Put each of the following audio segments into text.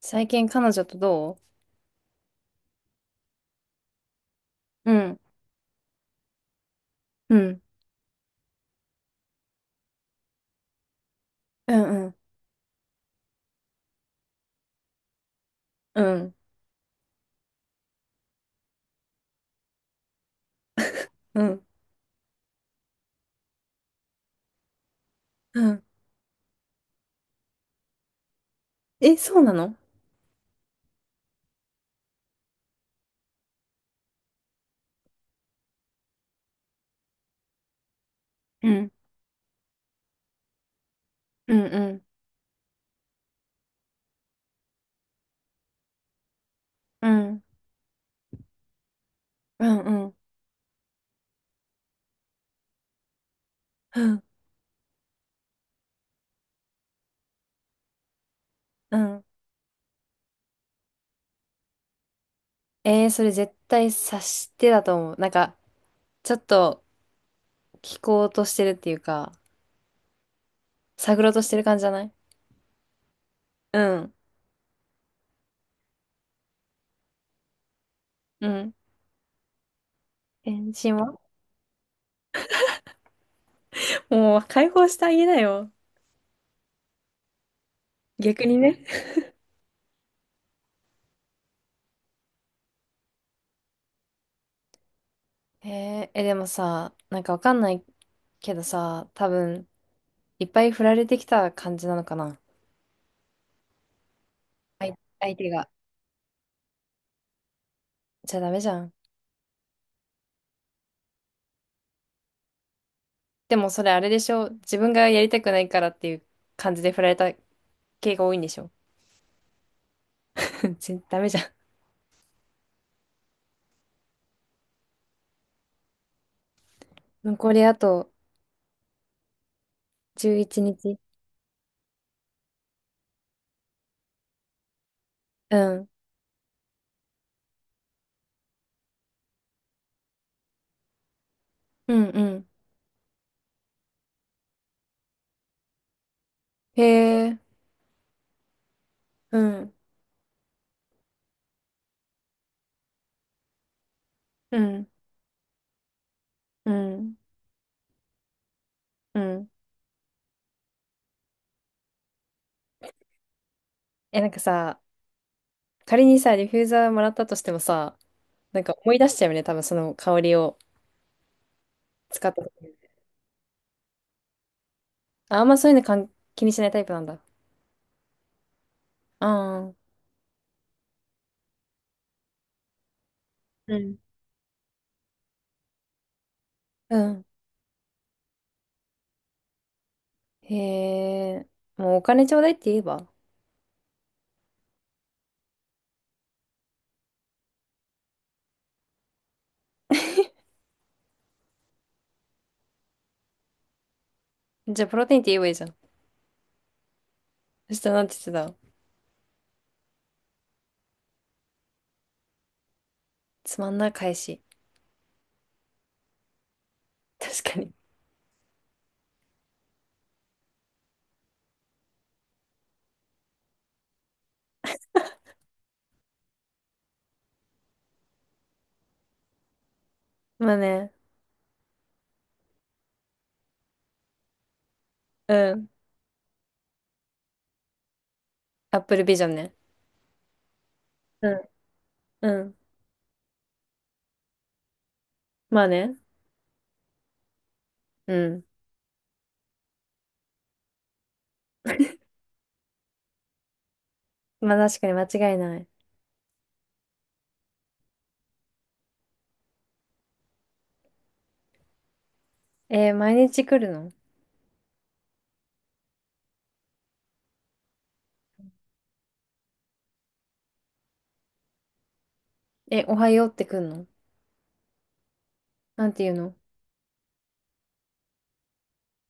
最近彼女とううん。うん。ううん。うんうん。 うんうん。え、そうなの？うん。うん。うん。うんうんうんうんうん。えー、それ絶対察してだと思う。なんか、ちょっと聞こうとしてるっていうか、探ろうとしてる感じじゃない？うんうん。返信は？もう解放してあげなよ。逆にね。えー、え、でもさ、なんかわかんないけどさ、多分、いっぱい振られてきた感じなのかな。はい。相手が。じゃあダメじゃん。でもそれあれでしょ。自分がやりたくないからっていう感じで振られた系が多いんでしょ。全ダメじゃん。残りあと11日。うん。うんうん。へえ。うん。うん。うん。うん。え、なんかさ、仮にさ、ディフューザーもらったとしてもさ、なんか思い出しちゃうよね。多分その香りを使った時に。あ、あんまそういうの気にしないタイプなんだ。ああ。うん。うん。へえ。もうお金ちょうだいって言えば。じゃあプロテインって言えばいいじゃん。そしたらなんて言ってた？つまんない返し。確かに。まあね。うん。アップルビジョンね。うん。うん。まあね。うん。まあ確かに違いない。えー毎日来るの？え、おはようって来るの？なんて言うの？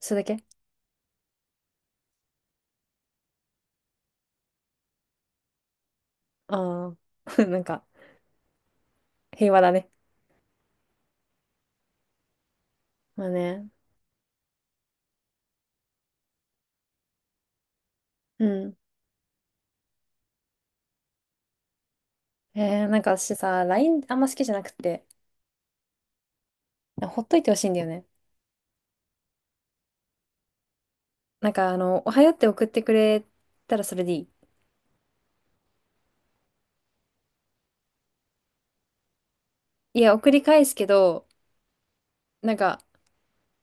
それだけ？ああー。なんか、平和だね。まあね。うん。えーなんか私さ、LINE あんま好きじゃなくて、ほっといてほしいんだよね。なんかあの、おはようって送ってくれたらそれでいい。いや、送り返すけど、なんか、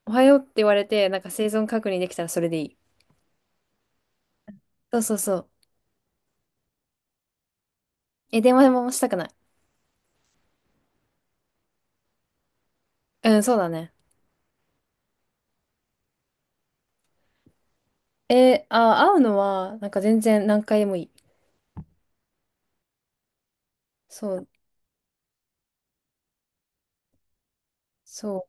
おはようって言われて、なんか生存確認できたらそれでいい。そうそうそう。え、電話もしたくない。うん、そうだね。え、あ、会うのは、なんか全然何回でもいい。そう。そ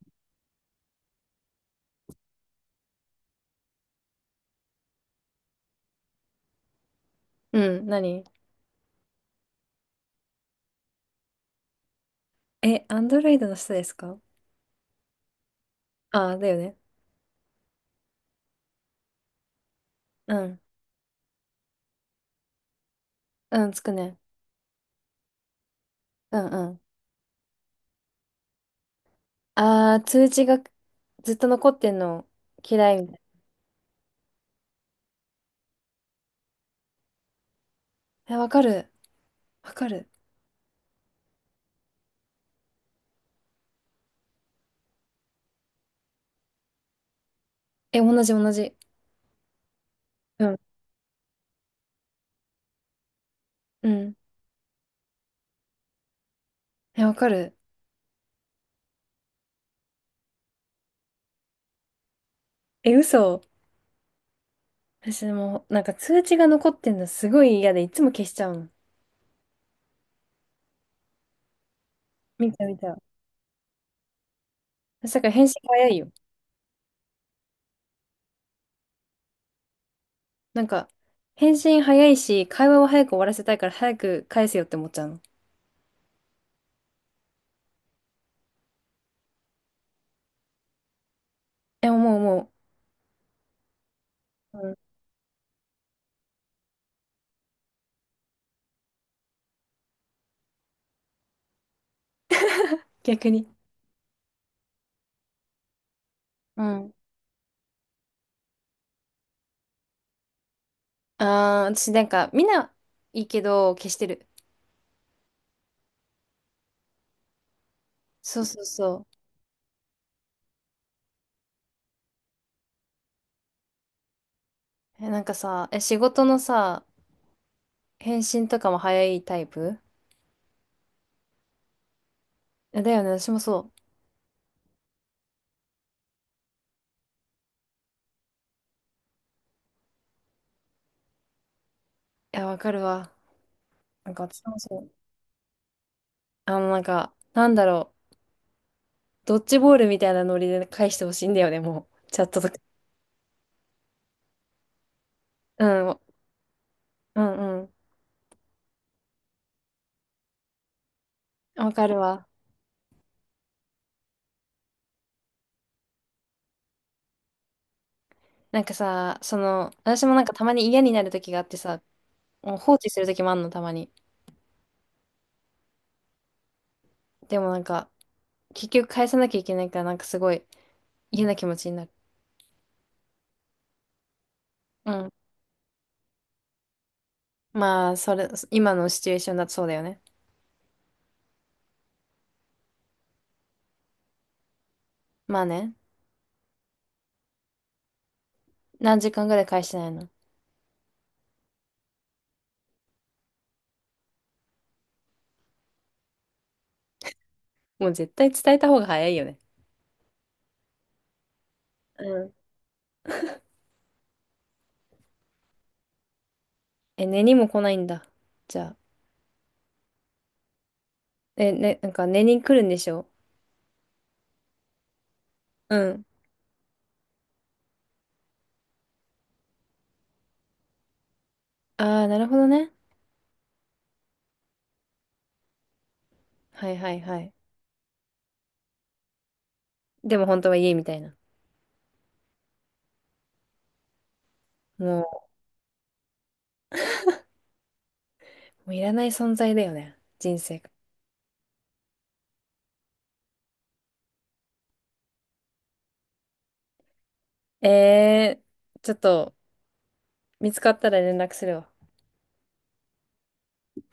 う。うん、何？え、アンドロイドの人ですか？あ、だよね。うん。うん、つくね。うんうん。あー、通知がずっと残ってんの嫌いみたいな。え、わかる。わかる。え、同じ同じ。うん。うん。え、わかる。え、嘘。私もう、なんか通知が残ってんのすごい嫌で、いつも消しちゃうの。見た見た。だから返信早いよ。なんか、返信早いし、会話を早く終わらせたいから早く返せよって思っちゃうの。え、もう、うん、逆に。うん。ああ、私なんか、みんないいけど、消してる。そうそうそう。え、なんかさ、え、仕事のさ、返信とかも早いタイプ？えだよね、私もそう。いや、わかるわ。なんか私もそう。あの、なんか、なんだろう。ドッジボールみたいなノリで返してほしいんだよね、もう。チャットとか。うん、うん、うん。わかるわ。なんかさ、その、私もなんかたまに嫌になる時があってさ、もう放置する時もあんの、たまに。でもなんか、結局返さなきゃいけないから、なんかすごい嫌な気持ちになる。うん。まあ、それ、今のシチュエーションだとそうだよね。まあね。何時間ぐらい返してないの？もう絶対伝えた方が早いよね。うん。え、寝にも来ないんだ。じゃあ。え、ね、なんか寝に来るんでしょ？うん。ああ、なるほどね。はいはいはい。でも本当は家みたいな。ももういらない存在だよね。人生。ええー、ちょっと見つかったら連絡するわ。